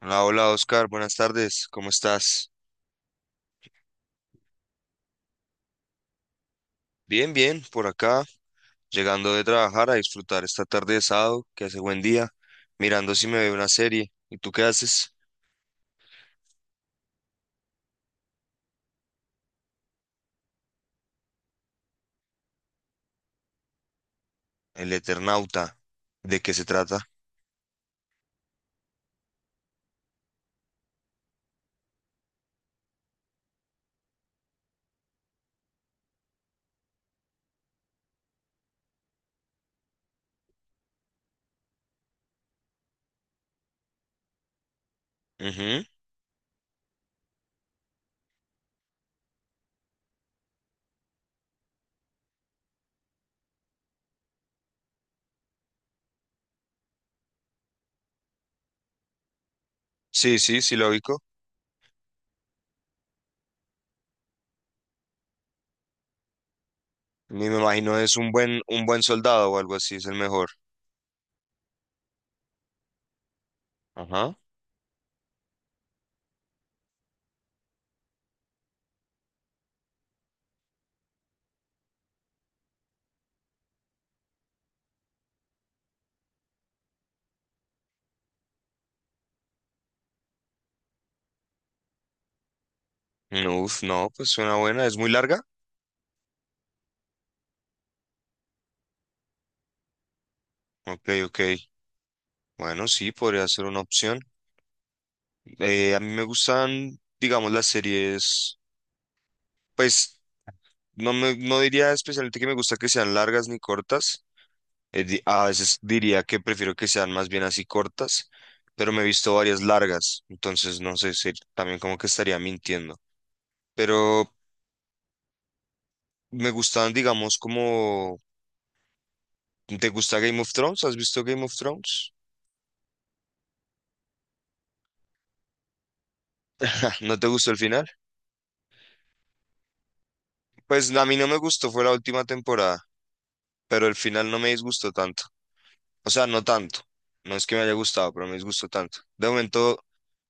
Hola, hola Oscar, buenas tardes, ¿cómo estás? Bien, bien, por acá, llegando de trabajar a disfrutar esta tarde de sábado, que hace buen día, mirando si me veo una serie. ¿Y tú qué haces? El Eternauta, ¿de qué se trata? Ujú. Sí, sí, sí, lógico. Ni me imagino, es un buen soldado o algo así, es el mejor. Ajá. No, uf, no, pues suena buena, es muy larga. Ok, ok. Bueno, sí, podría ser una opción. A mí me gustan, digamos, las series, pues no, me, no diría especialmente que me gusta que sean largas ni cortas. A veces diría que prefiero que sean más bien así cortas, pero me he visto varias largas, entonces no sé si también como que estaría mintiendo. Pero me gustan, digamos, como... ¿Te gusta Game of Thrones? ¿Has visto Game of Thrones? ¿No te gustó el final? Pues a mí no me gustó, fue la última temporada, pero el final no me disgustó tanto. O sea, no tanto. No es que me haya gustado, pero me disgustó tanto. De momento...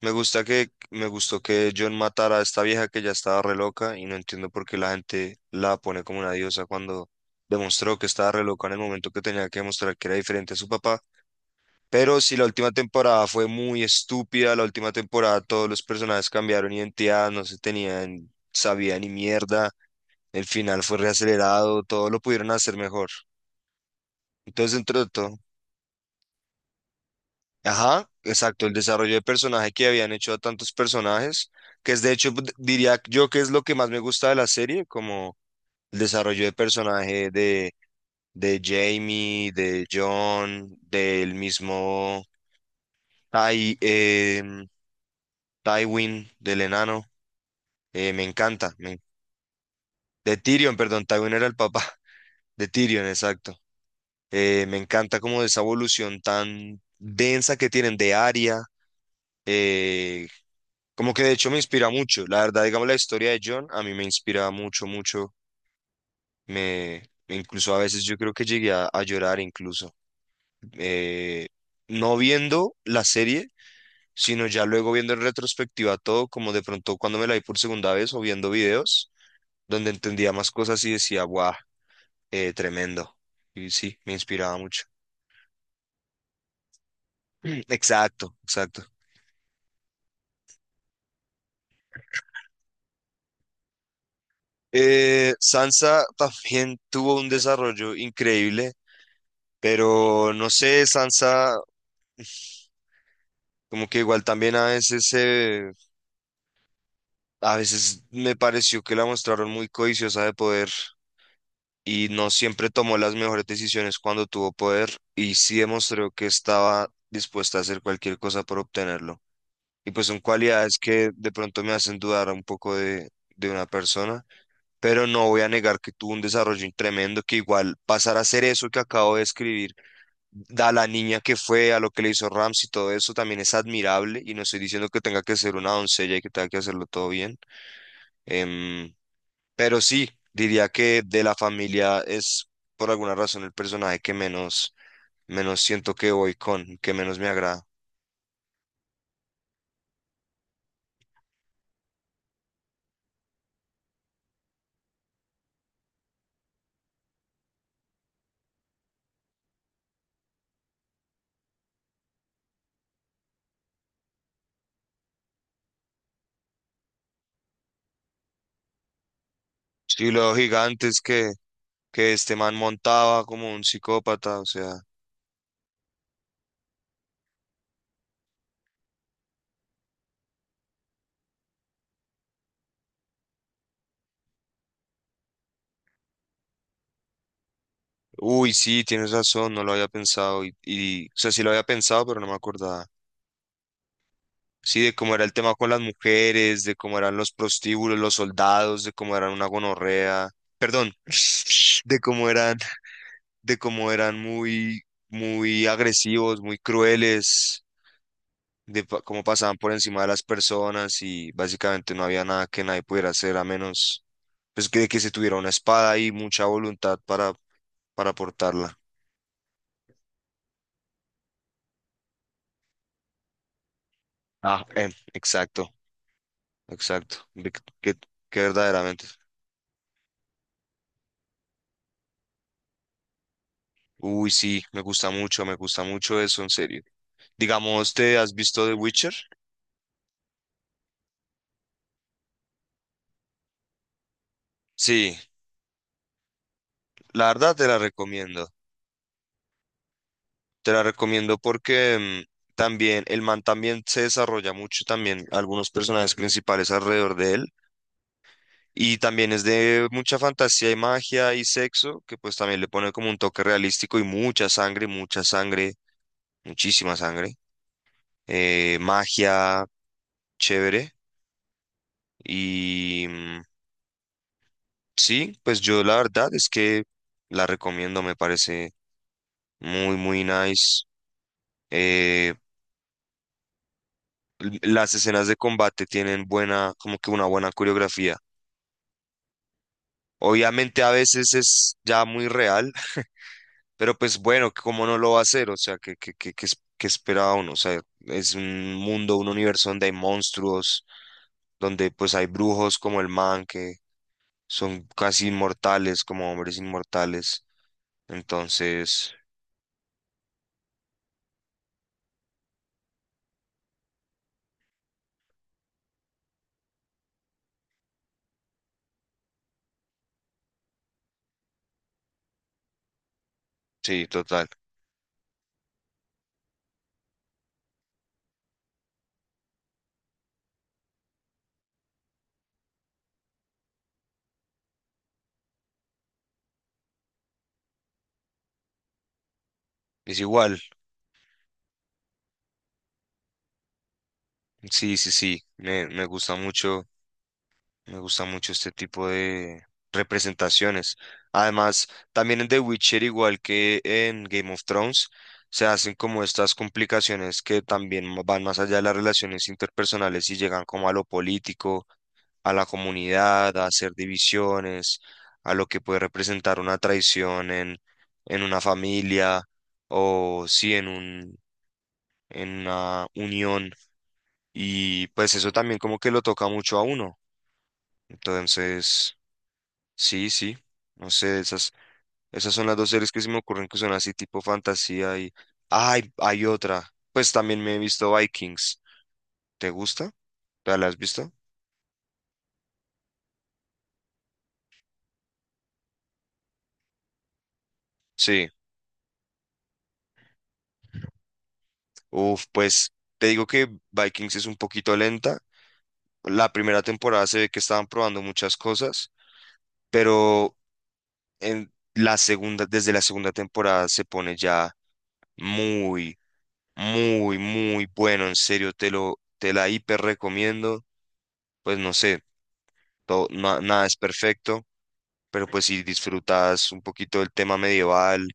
Me gusta que, me gustó que John matara a esta vieja que ya estaba re loca y no entiendo por qué la gente la pone como una diosa cuando demostró que estaba re loca en el momento que tenía que demostrar que era diferente a su papá. Pero si la última temporada fue muy estúpida, la última temporada todos los personajes cambiaron identidad, no se tenían, sabía ni mierda, el final fue reacelerado, todo lo pudieron hacer mejor. Entonces, entre todo, ajá, exacto, el desarrollo de personaje que habían hecho a tantos personajes, que es de hecho, diría yo que es lo que más me gusta de la serie, como el desarrollo de personaje de Jamie, de John, del mismo Ty, Tywin, del enano, me encanta, me- de Tyrion, perdón, Tywin era el papá, de Tyrion, exacto. Me encanta como esa evolución tan densa que tienen de Arya, eh, como que de hecho me inspira mucho. La verdad, digamos, la historia de John a mí me inspira mucho, mucho. Me incluso a veces yo creo que llegué a llorar incluso. Eh, no viendo la serie, sino ya luego viendo en retrospectiva todo, como de pronto cuando me la vi por segunda vez o viendo videos donde entendía más cosas y decía, guau, tremendo. Y sí, me inspiraba mucho. Mm. Exacto, exacto. Sansa también tuvo un desarrollo increíble, pero no sé, Sansa, como que igual también a veces se, a veces me pareció que la mostraron muy codiciosa de poder y no siempre tomó las mejores decisiones cuando tuvo poder y sí demostró que estaba dispuesta a hacer cualquier cosa por obtenerlo. Y pues son cualidades que de pronto me hacen dudar un poco de una persona, pero no voy a negar que tuvo un desarrollo tremendo, que igual pasar a hacer eso que acabo de escribir da la niña que fue, a lo que le hizo Rams y todo eso también es admirable y no estoy diciendo que tenga que ser una doncella y que tenga que hacerlo todo bien, em, pero sí, diría que de la familia es por alguna razón el personaje que menos, menos siento que voy con, que menos me agrada. Sí, los gigantes que este man montaba como un psicópata, o sea, uy, sí, tienes razón, no lo había pensado y o sea, sí lo había pensado, pero no me acordaba. Sí, de cómo era el tema con las mujeres, de cómo eran los prostíbulos, los soldados, de cómo eran una gonorrea, perdón, de cómo eran, de cómo eran muy, muy agresivos, muy crueles, de cómo pasaban por encima de las personas y básicamente no había nada que nadie pudiera hacer a menos pues que se tuviera una espada y mucha voluntad para portarla. Ah, exacto, exacto, de que verdaderamente. Uy, sí, me gusta mucho eso, en serio. Digamos, ¿te has visto The Witcher? Sí, la verdad te la recomiendo. Te la recomiendo porque mm, también el man también se desarrolla mucho, también algunos personajes principales alrededor de él. Y también es de mucha fantasía y magia y sexo, que pues también le pone como un toque realístico y mucha sangre, muchísima sangre. Magia, chévere. Y, mm, Sí, pues yo la verdad es que la recomiendo, me parece muy, muy nice. Eh, las escenas de combate tienen buena, como que una buena coreografía. Obviamente a veces es ya muy real, pero pues bueno, ¿cómo no lo va a hacer? O sea, ¿qué, es- qué esperaba uno? O sea, es un mundo, un universo donde hay monstruos, donde pues hay brujos como el man, que son casi inmortales, como hombres inmortales. Entonces, sí, total. Es igual. Sí, sí, sí, me, me gusta mucho este tipo de representaciones. Además, también en The Witcher, igual que en Game of Thrones, se hacen como estas complicaciones que también van más allá de las relaciones interpersonales y llegan como a lo político, a la comunidad, a hacer divisiones, a lo que puede representar una traición en una familia o sí en un, en una unión y pues eso también como que lo toca mucho a uno. Entonces, sí, sí. No sé, esas, esas son las dos series que se me ocurren que son así tipo fantasía y... Ay, hay otra. Pues también me he visto Vikings. ¿Te gusta? ¿Te la has visto? Sí. Uf, pues te digo que Vikings es un poquito lenta. La primera temporada se ve que estaban probando muchas cosas, pero en la segunda, desde la segunda temporada se pone ya muy muy, muy bueno, en serio, te lo, te la hiper recomiendo. Pues no sé, todo, nada es perfecto, pero pues si disfrutas un poquito del tema medieval,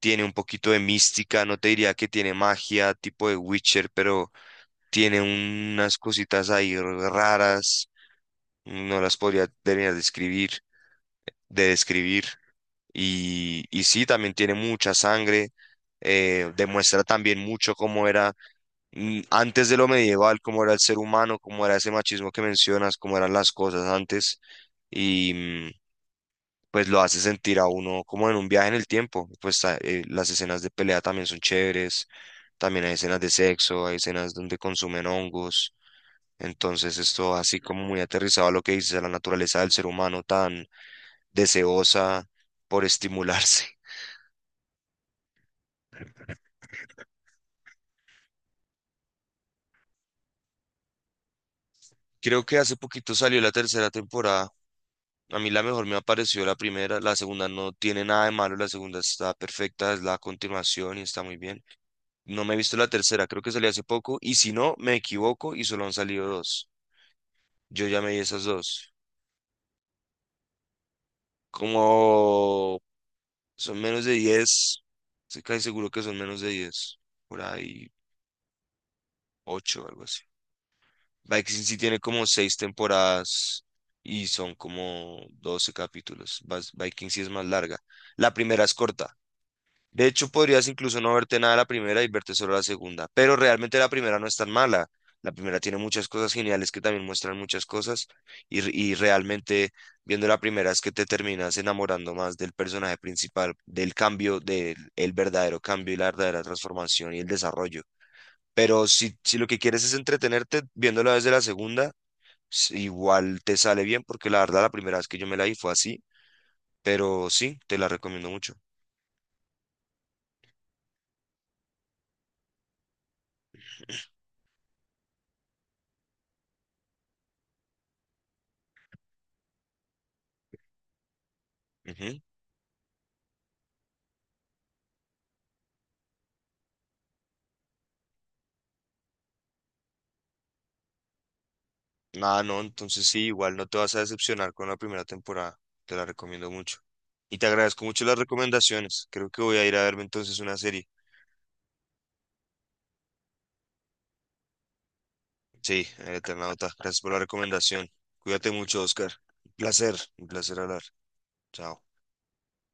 tiene un poquito de mística, no te diría que tiene magia, tipo de Witcher, pero tiene unas cositas ahí raras, no las podría terminar de describir de describir. Y sí, también tiene mucha sangre, demuestra también mucho cómo era mm, antes de lo medieval, cómo era el ser humano, cómo era ese machismo que mencionas, cómo eran las cosas antes, y mm, pues lo hace sentir a uno como en un viaje en el tiempo. Pues las escenas de pelea también son chéveres, también hay escenas de sexo, hay escenas donde consumen hongos. Entonces esto así como muy aterrizado a lo que dices, a la naturaleza del ser humano tan deseosa por estimularse. Creo que hace poquito salió la tercera temporada. A mí la mejor me apareció la primera, la segunda no tiene nada de malo, la segunda está perfecta, es la continuación y está muy bien. No me he visto la tercera, creo que salió hace poco y si no, me equivoco y solo han salido dos. Yo ya me vi esas dos. Como son menos de 10, estoy casi seguro que son menos de 10, por ahí 8 o algo así. Vikings sí tiene como 6 temporadas y son como 12 capítulos. Vikings sí es más larga. La primera es corta. De hecho, podrías incluso no verte nada la primera y verte solo la segunda, pero realmente la primera no es tan mala. La primera tiene muchas cosas geniales que también muestran muchas cosas y, y realmente viendo la primera es que te terminas enamorando más del personaje principal, del cambio, del el verdadero cambio y la verdadera transformación y el desarrollo. Pero si, si lo que quieres es entretenerte viéndola desde la segunda, igual te sale bien porque la verdad la primera vez que yo me la vi fue así, pero sí, te la recomiendo mucho. Ujú. Ah, no, entonces sí, igual no te vas a decepcionar con la primera temporada. Te la recomiendo mucho. Y te agradezco mucho las recomendaciones. Creo que voy a ir a verme entonces una serie. Sí, El Eternauta. Gracias por la recomendación. Cuídate mucho, Oscar. Un placer hablar. Chao.